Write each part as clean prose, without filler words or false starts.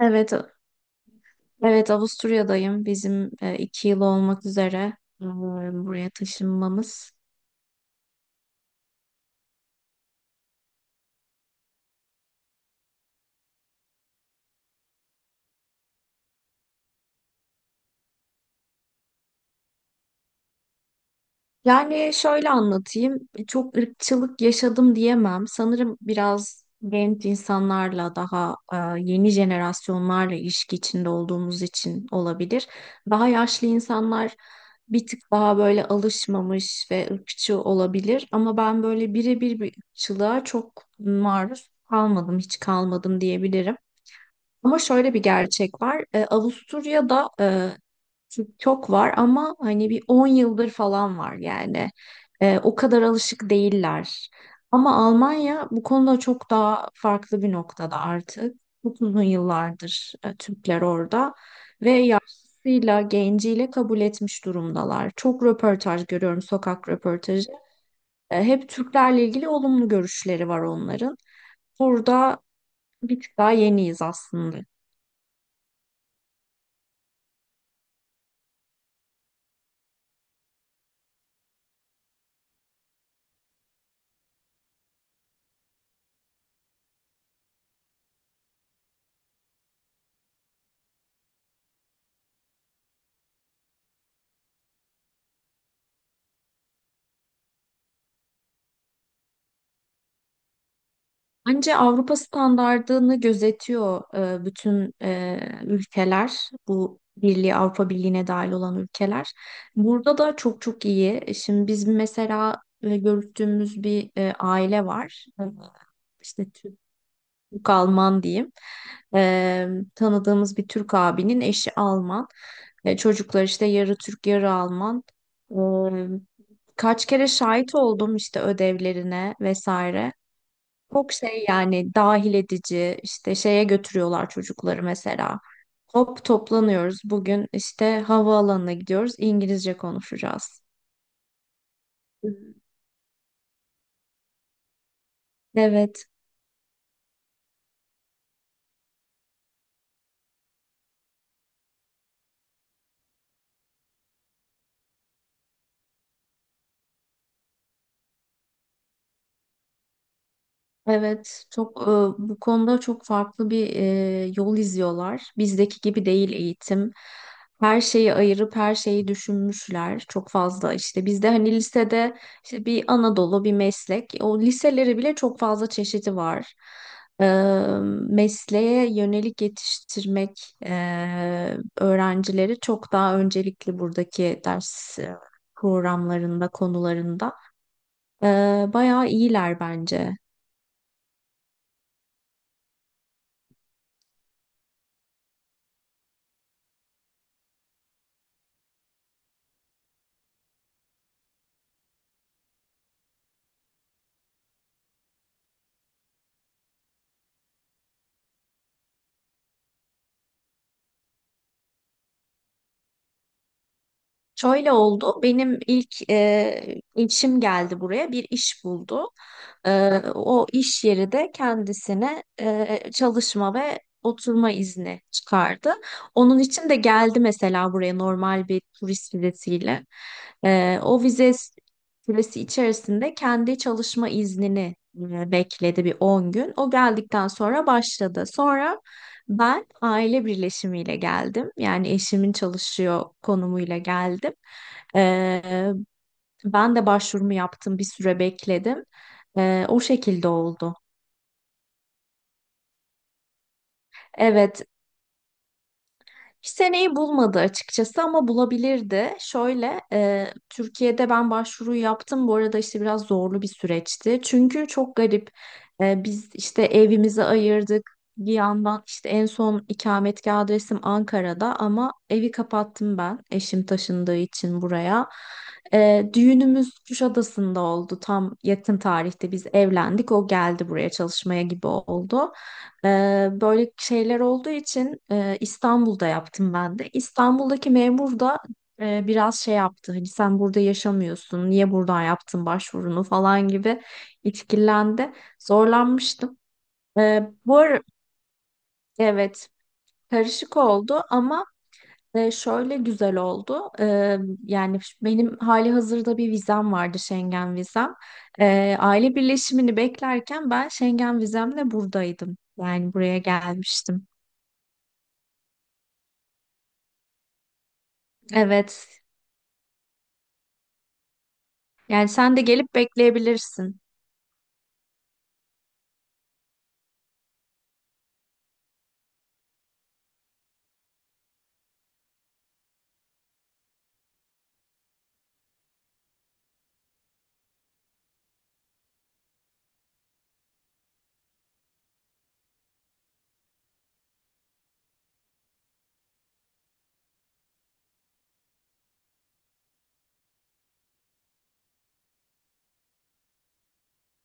Evet, evet, Avusturya'dayım. Bizim iki yıl olmak üzere e, buraya taşınmamız. Yani şöyle anlatayım. Çok ırkçılık yaşadım diyemem. Sanırım biraz genç insanlarla daha yeni jenerasyonlarla ilişki içinde olduğumuz için olabilir. Daha yaşlı insanlar bir tık daha böyle alışmamış ve ırkçı olabilir. Ama ben böyle birebir bir ırkçılığa çok maruz kalmadım, hiç kalmadım diyebilirim. Ama şöyle bir gerçek var. Avusturya'da TikTok var ama hani bir 10 yıldır falan var yani. O kadar alışık değiller. Ama Almanya bu konuda çok daha farklı bir noktada artık. Çok uzun yıllardır Türkler orada ve yaşlısıyla, genciyle kabul etmiş durumdalar. Çok röportaj görüyorum, sokak röportajı. Hep Türklerle ilgili olumlu görüşleri var onların. Burada bir tık daha yeniyiz aslında. Bence Avrupa standardını gözetiyor bütün ülkeler, bu birliği Avrupa Birliği'ne dahil olan ülkeler. Burada da çok çok iyi. Şimdi biz mesela görüştüğümüz bir aile var. İşte Türk, Türk Alman. Diyeyim E, tanıdığımız bir Türk abinin eşi Alman. Çocuklar işte yarı Türk yarı Alman. E, Kaç kere şahit oldum işte ödevlerine vesaire. Çok şey yani, dahil edici işte şeye götürüyorlar çocukları mesela. Hop, toplanıyoruz bugün işte, havaalanına gidiyoruz, İngilizce konuşacağız. Evet. Evet, çok bu konuda çok farklı bir yol izliyorlar. Bizdeki gibi değil eğitim. Her şeyi ayırıp her şeyi düşünmüşler. Çok fazla işte bizde hani lisede işte bir Anadolu bir meslek. O liseleri bile çok fazla çeşidi var. E, Mesleğe yönelik yetiştirmek öğrencileri çok daha öncelikli buradaki ders programlarında, konularında. E, Bayağı iyiler bence. Şöyle oldu. Benim ilk işim geldi buraya. Bir iş buldu. E, O iş yeri de kendisine çalışma ve oturma izni çıkardı. Onun için de geldi mesela buraya normal bir turist vizesiyle. O vize süresi içerisinde kendi çalışma iznini bekledi bir 10 gün. O geldikten sonra başladı. Sonra ben aile birleşimiyle geldim. Yani eşimin çalışıyor konumuyla geldim. Ee, Ben de başvurumu yaptım, bir süre bekledim. O şekilde oldu. Evet, seneyi bulmadı açıkçası ama bulabilirdi. Şöyle, Türkiye'de ben başvuru yaptım. Bu arada işte biraz zorlu bir süreçti. Çünkü çok garip. Biz işte evimizi ayırdık. Bir yandan işte en son ikametgah adresim Ankara'da ama evi kapattım ben. Eşim taşındığı için buraya. Düğünümüz Kuşadası'nda oldu. Tam yakın tarihte biz evlendik. O geldi buraya çalışmaya gibi oldu. Böyle şeyler olduğu için İstanbul'da yaptım ben de. İstanbul'daki memur da biraz şey yaptı. Hani sen burada yaşamıyorsun, niye buradan yaptın başvurunu falan gibi itkilendi. Zorlanmıştım. Ee, bu ara, evet, karışık oldu ama şöyle güzel oldu. Yani benim hali hazırda bir vizem vardı, Schengen vizem. Aile birleşimini beklerken ben Schengen vizemle buradaydım. Yani buraya gelmiştim. Evet. Yani sen de gelip bekleyebilirsin.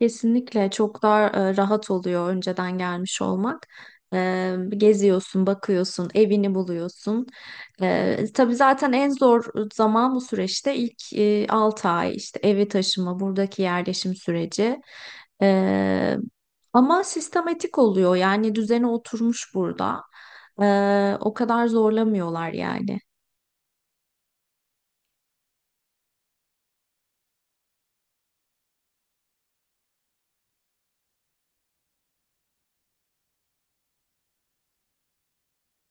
Kesinlikle çok daha rahat oluyor önceden gelmiş olmak. Geziyorsun, bakıyorsun, evini buluyorsun. Tabii zaten en zor zaman bu süreçte ilk 6 ay işte evi taşıma, buradaki yerleşim süreci. E, Ama sistematik oluyor yani, düzene oturmuş burada. O kadar zorlamıyorlar yani.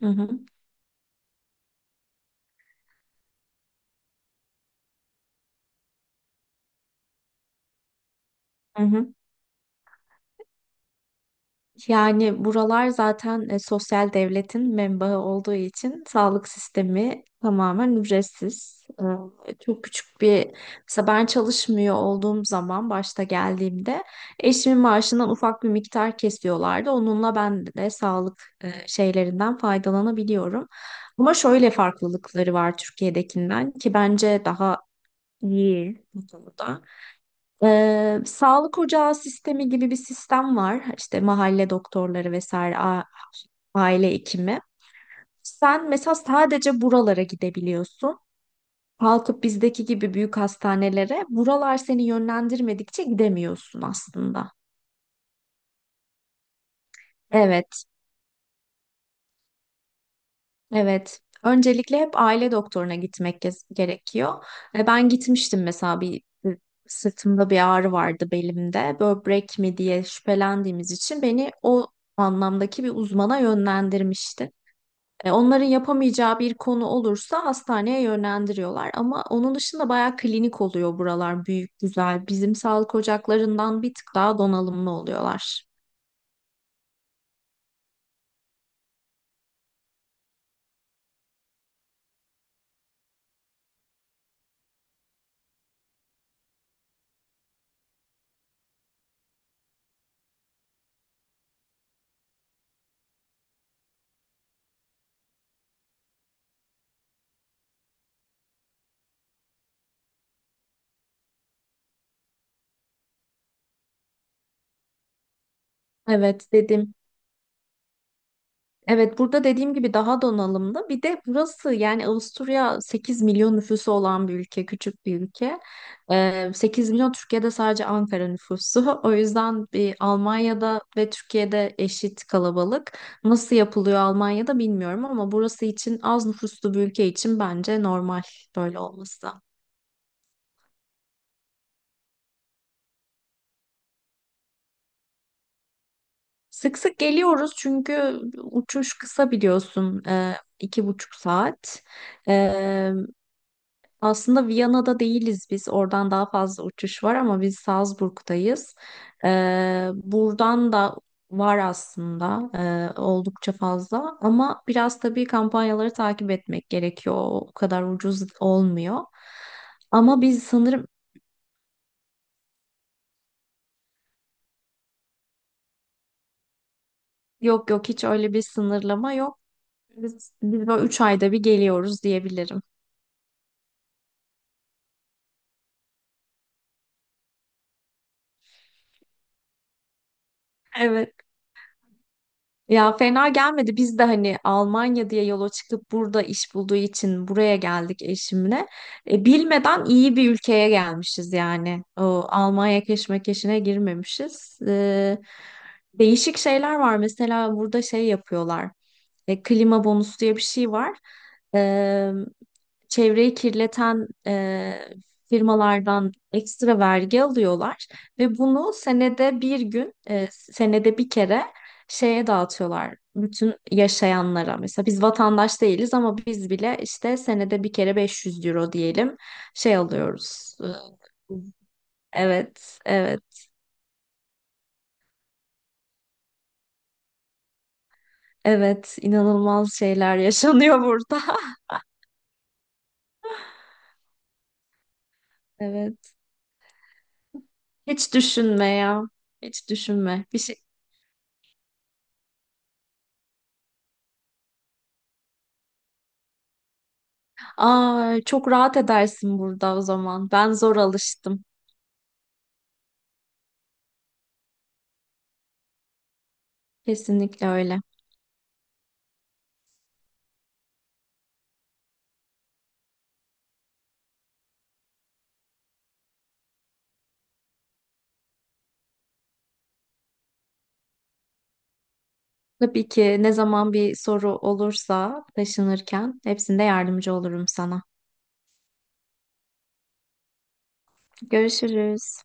Hı hı. Hı hı. Yani buralar zaten sosyal devletin menbaı olduğu için sağlık sistemi tamamen ücretsiz. Çok küçük bir, mesela ben çalışmıyor olduğum zaman başta geldiğimde eşimin maaşından ufak bir miktar kesiyorlardı. Onunla ben de sağlık şeylerinden faydalanabiliyorum. Ama şöyle farklılıkları var Türkiye'dekinden ki bence daha iyi bu konuda. Sağlık ocağı sistemi gibi bir sistem var. İşte mahalle doktorları vesaire, aile hekimi. Sen mesela sadece buralara gidebiliyorsun. Kalkıp bizdeki gibi büyük hastanelere buralar seni yönlendirmedikçe gidemiyorsun aslında. Evet. Evet. Öncelikle hep aile doktoruna gerekiyor. Ben gitmiştim mesela, bir sırtımda bir ağrı vardı, belimde. Böbrek mi diye şüphelendiğimiz için beni o anlamdaki bir uzmana yönlendirmişti. Onların yapamayacağı bir konu olursa hastaneye yönlendiriyorlar. Ama onun dışında bayağı klinik oluyor buralar. Büyük, güzel. Bizim sağlık ocaklarından bir tık daha donanımlı oluyorlar. Evet, dedim. Evet, burada dediğim gibi daha donanımlı. Bir de burası, yani Avusturya 8 milyon nüfusu olan bir ülke, küçük bir ülke. 8 milyon Türkiye'de sadece Ankara nüfusu. O yüzden bir Almanya'da ve Türkiye'de eşit kalabalık. Nasıl yapılıyor Almanya'da bilmiyorum ama burası için, az nüfuslu bir ülke için, bence normal böyle olması. Sık sık geliyoruz çünkü uçuş kısa, biliyorsun. İki buçuk saat. E, Aslında Viyana'da değiliz biz. Oradan daha fazla uçuş var ama biz Salzburg'dayız. Buradan da var aslında, oldukça fazla. Ama biraz tabii kampanyaları takip etmek gerekiyor. O kadar ucuz olmuyor. Ama biz sanırım, yok yok, hiç öyle bir sınırlama yok. Biz böyle 3 ayda bir geliyoruz diyebilirim. Evet. Ya, fena gelmedi. Biz de hani Almanya diye yola çıkıp burada iş bulduğu için buraya geldik eşimle. Bilmeden iyi bir ülkeye gelmişiz yani. O Almanya keşmekeşine girmemişiz. Değişik şeyler var. Mesela burada şey yapıyorlar. Klima bonusu diye bir şey var. E, Çevreyi kirleten firmalardan ekstra vergi alıyorlar ve bunu senede bir gün, senede bir kere şeye dağıtıyorlar. Bütün yaşayanlara, mesela biz vatandaş değiliz ama biz bile işte senede bir kere 500 € diyelim şey alıyoruz. Evet, evet, evet, inanılmaz şeyler yaşanıyor burada. Evet. Hiç düşünme ya. Hiç düşünme. Bir şey Aa, çok rahat edersin burada o zaman. Ben zor alıştım. Kesinlikle öyle. Tabii ki, ne zaman bir soru olursa taşınırken hepsinde yardımcı olurum sana. Görüşürüz.